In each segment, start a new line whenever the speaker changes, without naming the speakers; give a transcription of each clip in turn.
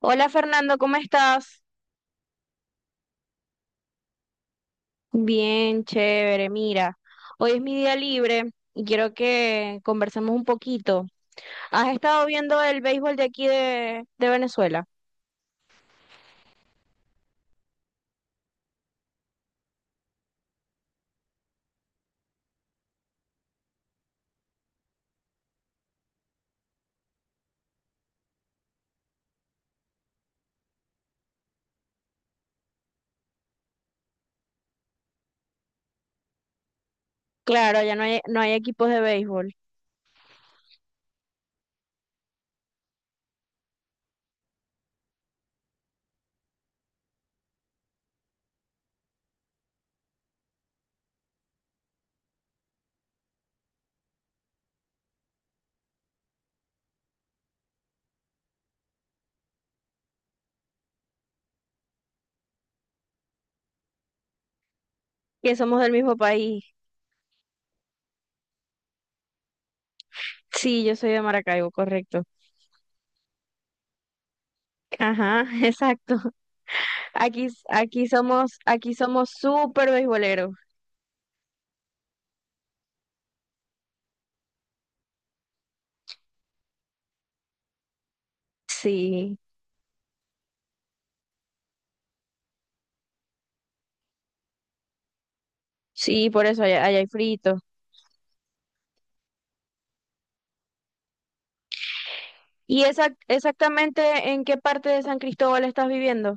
Hola, Fernando, ¿cómo estás? Bien, chévere. Mira, hoy es mi día libre y quiero que conversemos un poquito. ¿Has estado viendo el béisbol de aquí de Venezuela? Claro, ya no hay, no hay equipos de béisbol, que somos del mismo país. Sí, yo soy de Maracaibo, correcto. Ajá, exacto. Aquí somos súper beisboleros. Sí, sí, por eso allá, allá hay frito. ¿Y esa, exactamente en qué parte de San Cristóbal estás viviendo?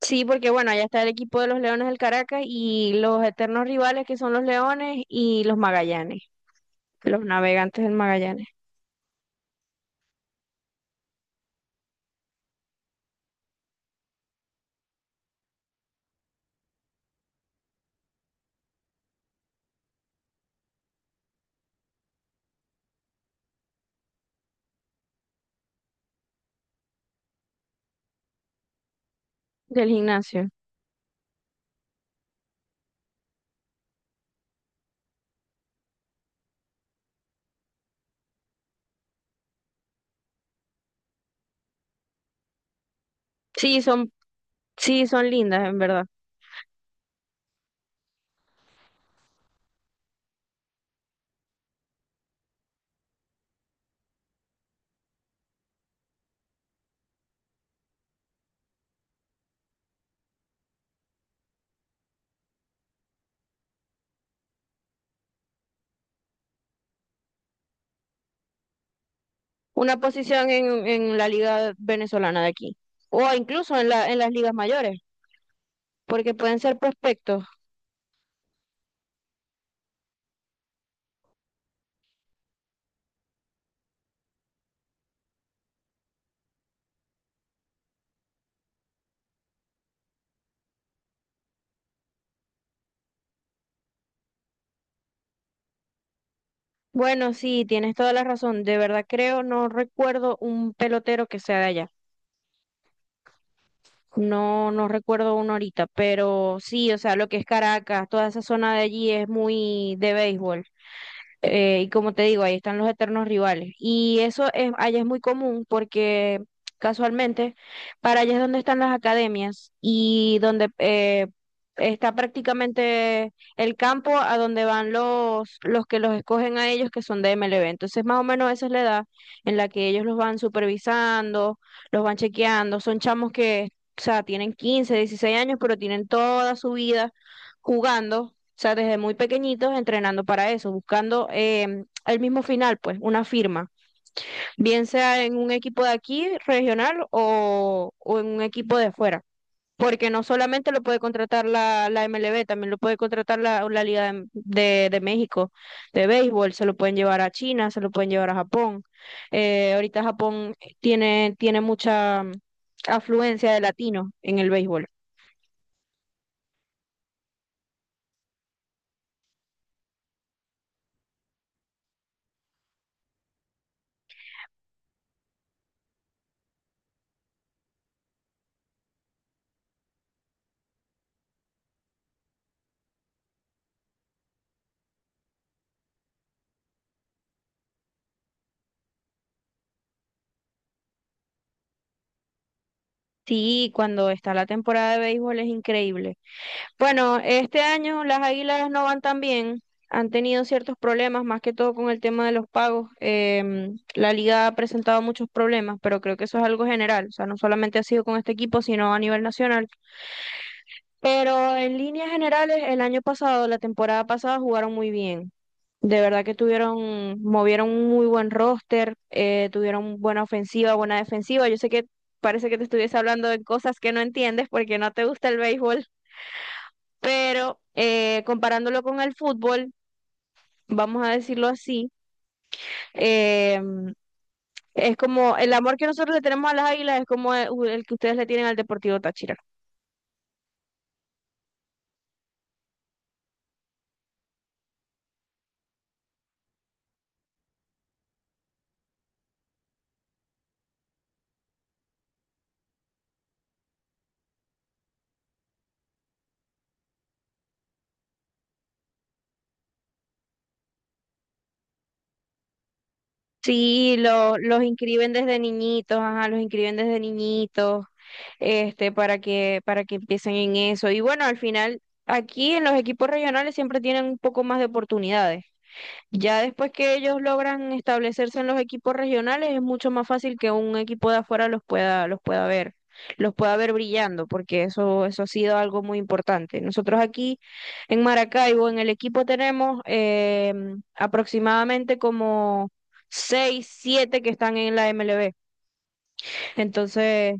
Sí, porque bueno, allá está el equipo de los Leones del Caracas y los eternos rivales que son los Leones y los Magallanes, los navegantes del Magallanes, del gimnasio. Sí, son, sí, son lindas, en verdad. Una posición en la liga venezolana de aquí, o incluso en las ligas mayores, porque pueden ser prospectos. Bueno, sí, tienes toda la razón. De verdad creo, no recuerdo un pelotero que sea de allá. No, no recuerdo uno ahorita, pero sí, o sea, lo que es Caracas, toda esa zona de allí es muy de béisbol. Y como te digo, ahí están los eternos rivales. Y eso es, allá es muy común porque casualmente para allá es donde están las academias y donde está prácticamente el campo a donde van los que los escogen a ellos que son de M L B Entonces, más o menos esa es la edad en la que ellos los van supervisando, los van chequeando. Son chamos que, o sea, tienen 15, 16 años, pero tienen toda su vida jugando, o sea, desde muy pequeñitos entrenando para eso, buscando el mismo final, pues, una firma, bien sea en un equipo de aquí, regional, o en un equipo de fuera. Porque no solamente lo puede contratar la MLB, también lo puede contratar la Liga de México de béisbol, se lo pueden llevar a China, se lo pueden llevar a Japón. Ahorita Japón tiene, tiene mucha afluencia de latinos en el béisbol. Sí, cuando está la temporada de béisbol es increíble. Bueno, este año las Águilas no van tan bien. Han tenido ciertos problemas, más que todo con el tema de los pagos. La liga ha presentado muchos problemas, pero creo que eso es algo general. O sea, no solamente ha sido con este equipo, sino a nivel nacional. Pero en líneas generales, el año pasado, la temporada pasada, jugaron muy bien. De verdad que tuvieron, movieron un muy buen roster, tuvieron buena ofensiva, buena defensiva. Yo sé que parece que te estuviese hablando de cosas que no entiendes porque no te gusta el béisbol, pero comparándolo con el fútbol, vamos a decirlo así, eh, es como el amor que nosotros le tenemos a las Águilas es como el que ustedes le tienen al Deportivo Táchira. Sí, los inscriben desde niñitos, ajá, los inscriben desde niñitos, este, para que empiecen en eso. Y bueno, al final, aquí en los equipos regionales siempre tienen un poco más de oportunidades. Ya después que ellos logran establecerse en los equipos regionales, es mucho más fácil que un equipo de afuera los pueda ver brillando, porque eso ha sido algo muy importante. Nosotros aquí en Maracaibo, en el equipo tenemos aproximadamente como seis, siete que están en la MLB. Entonces,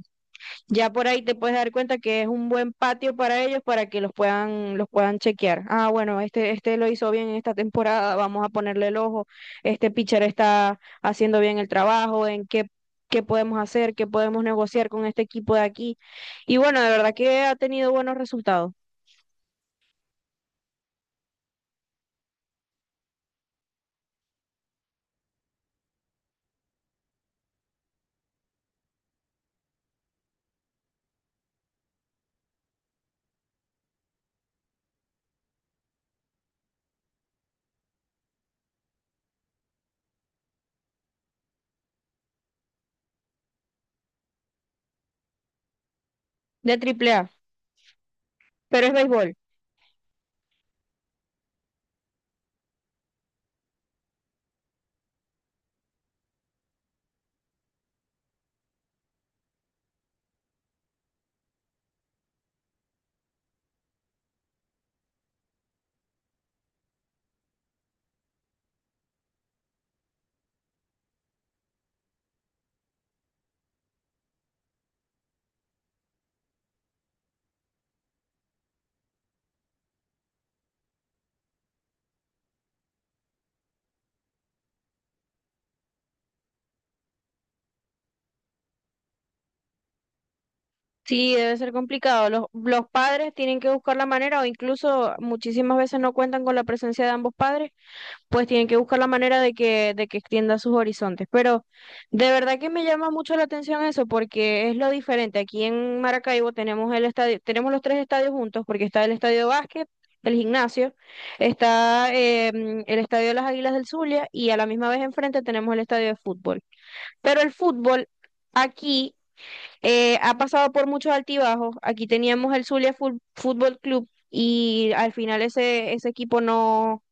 ya por ahí te puedes dar cuenta que es un buen patio para ellos para que los puedan chequear. Ah, bueno, este lo hizo bien en esta temporada, vamos a ponerle el ojo. Este pitcher está haciendo bien el trabajo, en qué, qué podemos hacer, qué podemos negociar con este equipo de aquí. Y bueno, de verdad que ha tenido buenos resultados de Triple A, pero es béisbol. Sí, debe ser complicado. Los padres tienen que buscar la manera, o incluso muchísimas veces no cuentan con la presencia de ambos padres, pues tienen que buscar la manera de que extienda sus horizontes. Pero de verdad que me llama mucho la atención eso, porque es lo diferente. Aquí en Maracaibo tenemos el estadio, tenemos los tres estadios juntos, porque está el estadio de básquet, el gimnasio, está el estadio de las Águilas del Zulia, y a la misma vez enfrente tenemos el estadio de fútbol. Pero el fútbol aquí ha pasado por muchos altibajos. Aquí teníamos el Fútbol Club y al final ese, ese equipo no,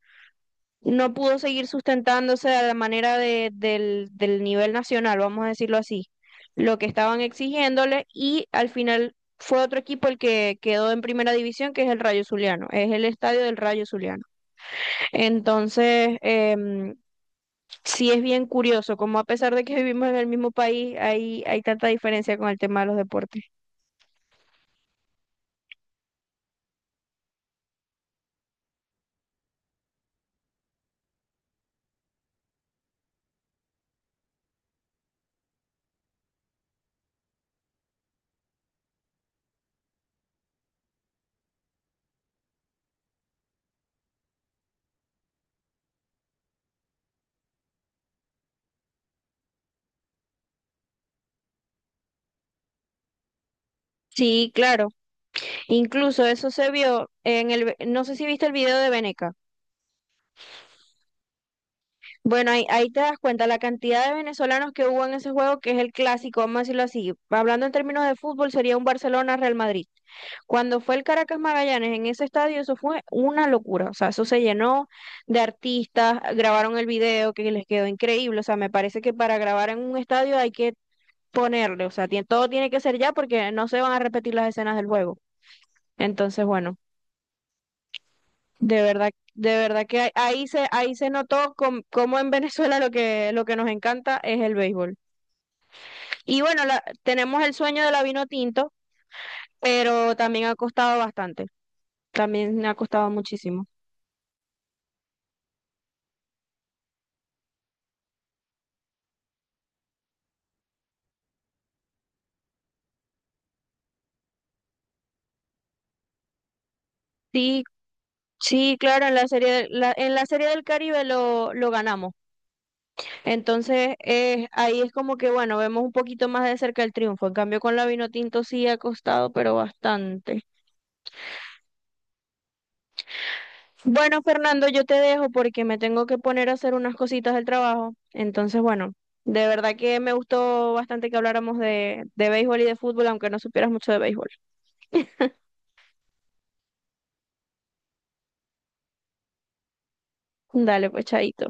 no pudo seguir sustentándose a la manera del, del nivel nacional, vamos a decirlo así, lo que estaban exigiéndole y al final fue otro equipo el que quedó en primera división, que es el Rayo Zuliano, es el estadio del Rayo Zuliano. Entonces, sí es bien curioso, como a pesar de que vivimos en el mismo país, hay tanta diferencia con el tema de los deportes. Sí, claro. Incluso eso se vio en el, no sé si viste el video de Veneca. Bueno, ahí, ahí te das cuenta la cantidad de venezolanos que hubo en ese juego, que es el clásico, vamos a decirlo así. Hablando en términos de fútbol, sería un Barcelona-Real Madrid. Cuando fue el Caracas Magallanes en ese estadio, eso fue una locura. O sea, eso se llenó de artistas, grabaron el video que les quedó increíble. O sea, me parece que para grabar en un estadio hay que ponerle, o sea, todo tiene que ser ya porque no se van a repetir las escenas del juego. Entonces, bueno. De verdad que ahí se notó cómo en Venezuela lo que nos encanta es el béisbol. Y bueno, tenemos el sueño de la vino tinto, pero también ha costado bastante. También ha costado muchísimo. Sí, sí, claro, en la serie, en la serie del Caribe lo ganamos. Entonces, ahí es como que, bueno, vemos un poquito más de cerca el triunfo. En cambio, con la vino tinto sí ha costado, pero bastante. Bueno, Fernando, yo te dejo porque me tengo que poner a hacer unas cositas del trabajo. Entonces, bueno, de verdad que me gustó bastante que habláramos de béisbol y de fútbol, aunque no supieras mucho de béisbol. Dale, pues, chaito.